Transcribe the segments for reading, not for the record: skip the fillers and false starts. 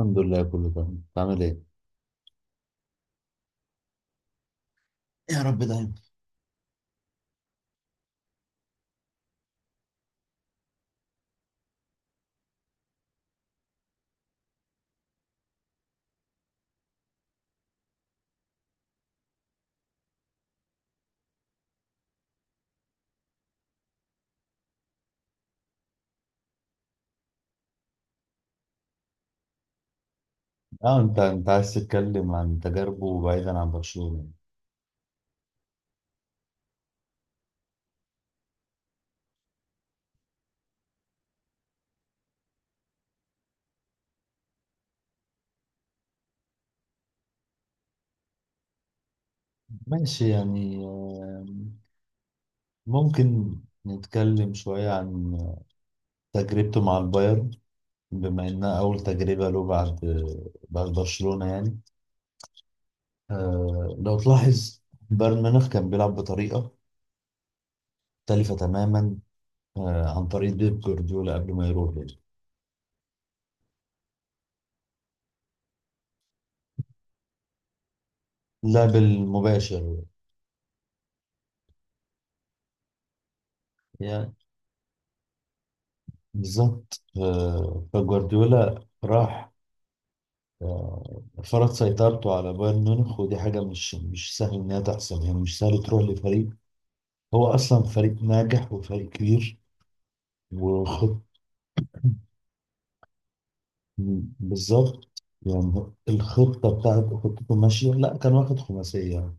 الحمد لله، كله تمام. بتعمل ايه؟ يا رب دايما. اه، انت عايز تتكلم عن تجاربه بعيدا عن برشلونة. ماشي يعني، ممكن نتكلم شوية عن تجربته مع البايرن، بما انها اول تجربة له بعد برشلونة يعني. لو تلاحظ، بايرن ميونخ كان بيلعب بطريقة مختلفة تماما، عن طريق بيب جوارديولا قبل ما يروح يعني. اللعب المباشر. يعني بالظبط، فجوارديولا راح فرض سيطرته على بايرن ميونخ، ودي حاجة مش سهل إنها تحصل، يعني مش سهل تروح لفريق هو أصلا فريق ناجح وفريق كبير وخط. بالظبط، يعني الخطة بتاعت خطته ماشية. لا، كان واخد خماسية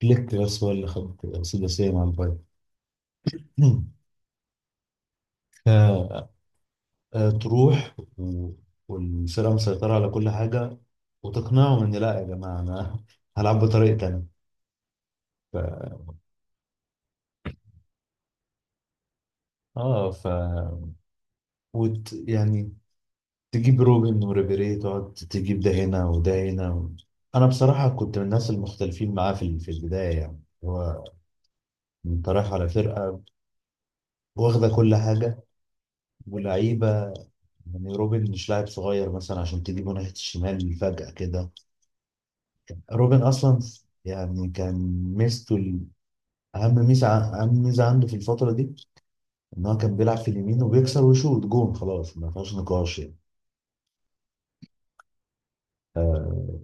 فليك، بس هو اللي خد سداسية مع البايرن. ف- تروح والفرقة مسيطرة على كل حاجة، وتقنعهم إن لا يا جماعة، أنا هلعب بطريقة تانية. ف... اه، يعني تجيب روبن وريبيري، تقعد تجيب ده هنا وده هنا انا بصراحه كنت من الناس المختلفين معاه في البدايه. يعني هو، انت رايح على فرقه واخده كل حاجه ولعيبه. يعني روبن مش لاعب صغير مثلا عشان تجيبه ناحيه الشمال فجاه كده. روبن اصلا يعني كان ميزته اهم ميزه عنده في الفتره دي ان هو كان بيلعب في اليمين وبيكسر ويشوط جون. خلاص، ما فيهاش نقاش يعني. آه،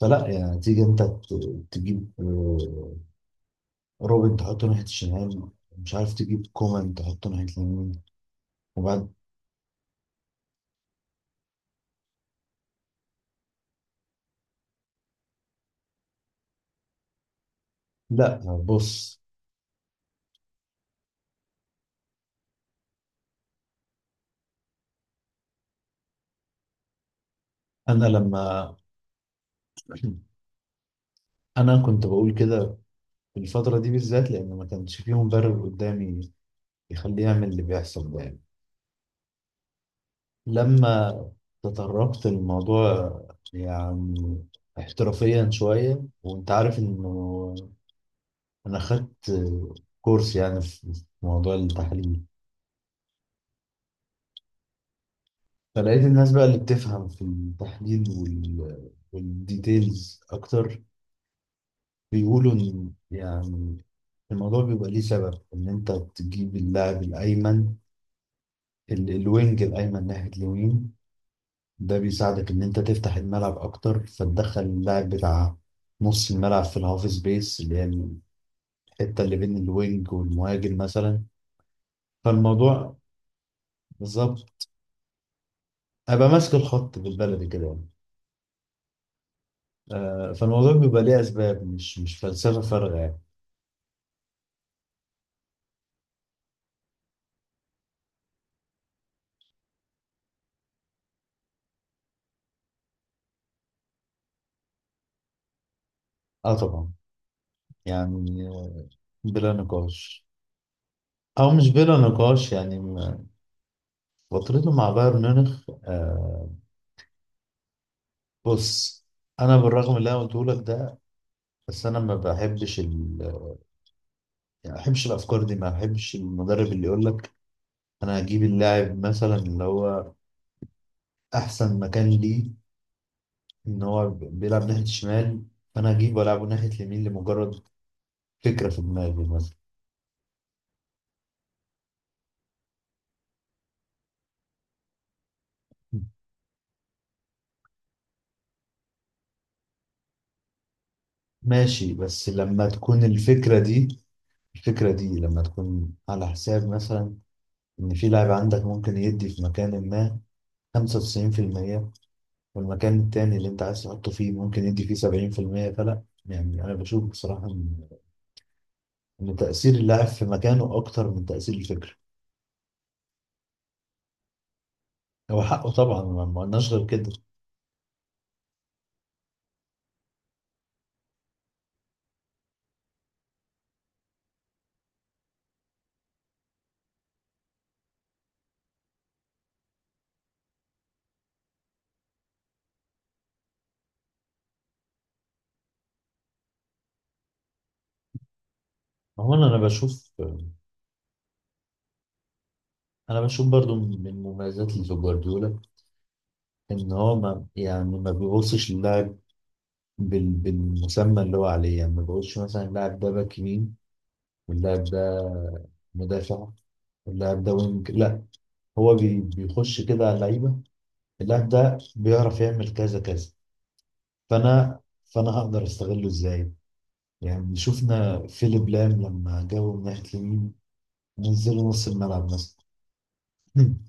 فلا يعني، تيجي انت تجيب روبن تحطه ناحية الشمال، مش عارف تجيب كومان تحطه ناحية اليمين وبعد. لا بص. أنا لما أنا كنت بقول كده في الفترة دي بالذات، لأن ما كانش فيه مدرب قدامي يخليه يعمل اللي بيحصل ده يعني. لما تطرقت الموضوع يعني احترافيا شوية، وأنت عارف إنه أنا خدت كورس يعني في موضوع التحليل، فلقيت الناس بقى اللي بتفهم في التحليل والديتيلز أكتر، بيقولوا إن يعني الموضوع بيبقى ليه سبب. إن أنت تجيب اللاعب الأيمن، الوينج الأيمن ناحية اليمين، ده بيساعدك إن أنت تفتح الملعب أكتر، فتدخل اللاعب بتاع نص الملعب في الهاف سبيس، اللي هي الحتة اللي بين الوينج والمهاجم مثلا. فالموضوع بالظبط، أبقى ماسك الخط بالبلدي كده يعني. فالموضوع بيبقى ليه أسباب، مش فلسفة فارغة يعني. اه طبعا، يعني بلا نقاش. او مش بلا نقاش يعني. فترته مع بايرن ميونخ بص، انا بالرغم اللي انا قلته لك ده، بس انا ما بحبش يعني ما بحبش الافكار دي. ما بحبش المدرب اللي يقول لك انا هجيب اللاعب مثلا، اللي هو احسن مكان ليه ان هو بيلعب ناحيه الشمال، فانا هجيبه والعبه ناحيه اليمين لمجرد فكره في دماغي مثلا. ماشي، بس لما تكون الفكره دي، لما تكون على حساب مثلا إن في لاعب عندك ممكن يدي في مكان ما 95%، والمكان التاني اللي أنت عايز تحطه فيه ممكن يدي فيه 70%، فلا. يعني أنا بشوف بصراحة إن تأثير اللاعب في مكانه أكتر من تأثير الفكرة. هو حقه طبعا، ما قلناش غير كده. هو أنا بشوف. أنا بشوف برضو من مميزات اللي في جوارديولا إن هو، ما يعني ما بيبصش للاعب بالمسمى اللي هو عليه. يعني ما بيقولش مثلا اللاعب ده باك يمين، واللاعب ده مدافع، واللاعب ده وينج. لا، هو بيخش كده على اللعيبه، اللاعب ده بيعرف يعمل كذا كذا. فانا فانا هقدر استغله ازاي. يعني شفنا فيليب لام لما جابه من ناحيه اليمين، نزله نص الملعب مثلا.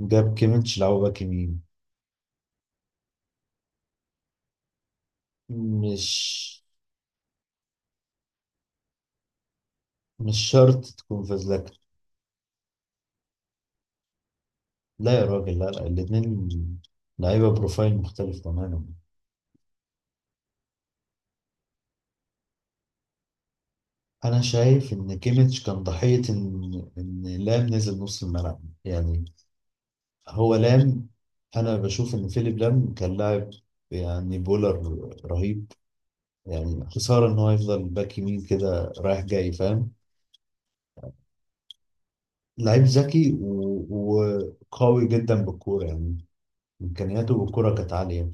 جاب كيميتش لعبه باك يمين. مش مش شرط تكون فازلكا. لا يا راجل، لا لا، الاتنين لعيبه بروفايل مختلف تماما. انا شايف ان كيميتش كان ضحيه ان لام نزل نص الملعب يعني. هو لام، انا بشوف ان فيليب لام كان لاعب، يعني بولر رهيب. يعني خساره ان هو يفضل باك يمين كده رايح جاي، فاهم. لعيب ذكي و- وقوي جدا بالكوره يعني. امكانياته بالكوره كانت عاليه.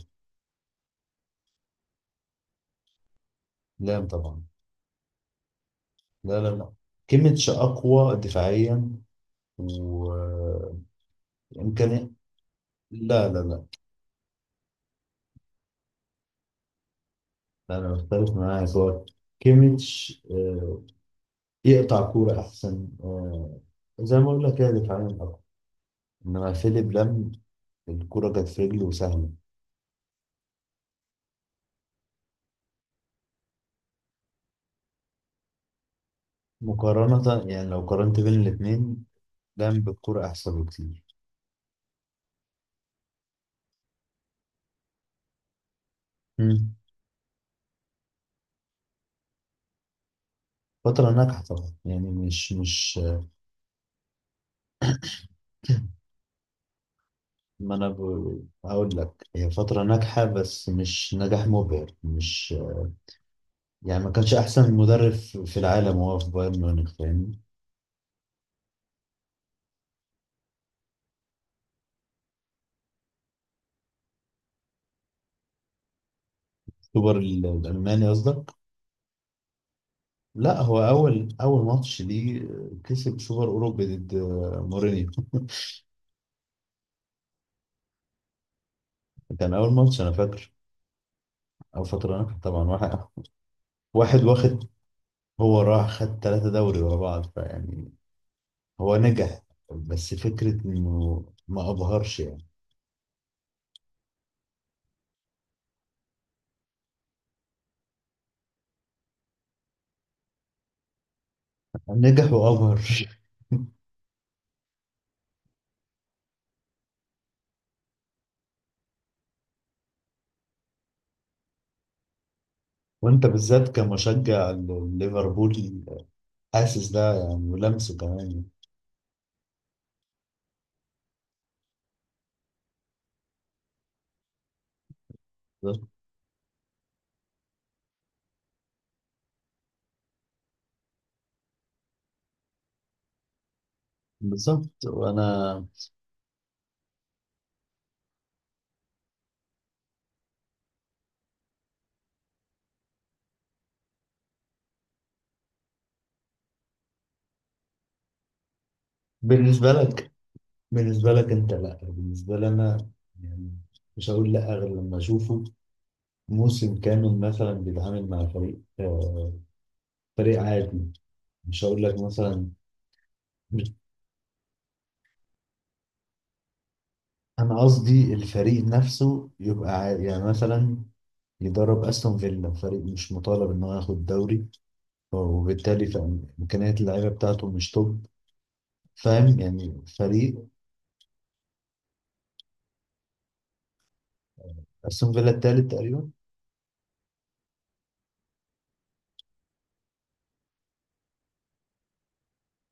لام طبعا. لا لا لا، كيميتش اقوى دفاعيا وامكانيات. لا لا لا، انا مختلف معاك. هو كيميتش، يقطع كوره احسن، زي ما اقول لك كده، دفاعيا. انما فيليب لام، الكرة جت في رجله وسهلة. مقارنة يعني، لو قارنت بين الاتنين، لام بالكرة احسن بكتير. مم. فترة ناجحة طبعا، يعني مش. ما انا هقول لك، هي فترة ناجحة بس مش نجاح مبهر، مش. يعني ما كانش احسن مدرب في العالم وهو في بايرن ميونخ، فاهمني. سوبر الالماني قصدك. لا، هو اول ماتش ليه، كسب سوبر اوروبي ضد مورينيو. كان اول ماتش انا فاكر. او فترة ناجحة طبعا. واحد واخد، هو راح خد 3 دوري ورا بعض، فيعني هو نجح. بس فكرة إنه ما أبهرش يعني. نجح وأبهر. وأنت بالذات كمشجع ليفربول، حاسس ده يعني، ولمسه كمان يعني. بالظبط. بالظبط. وأنا بالنسبة لك بالنسبة لك أنت لأ، بالنسبة لي أنا يعني مش هقول لأ غير لما أشوفه موسم كامل مثلا بيتعامل مع فريق عادي. مش هقول لك مثلا. انا قصدي الفريق نفسه يبقى يعني مثلا يدرب استون فيلا، فريق مش مطالب ان هو ياخد دوري، وبالتالي امكانيات اللعيبه بتاعته مش توب. فاهم يعني، فريق. استون فيلا التالت تقريبا.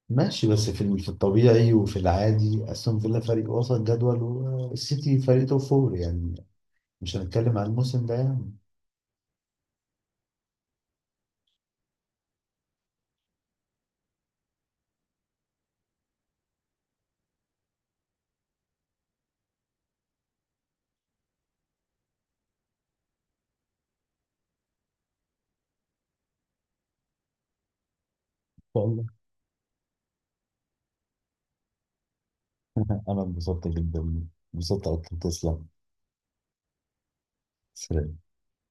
ماشي، بس في الطبيعي وفي العادي استون فيلا فريق وسط جدول، والسيتي فريق توب فور يعني. مش هنتكلم عن الموسم ده يعني. والله انا انبسطت جدا، انبسطت اكتر، تسلم. سلام.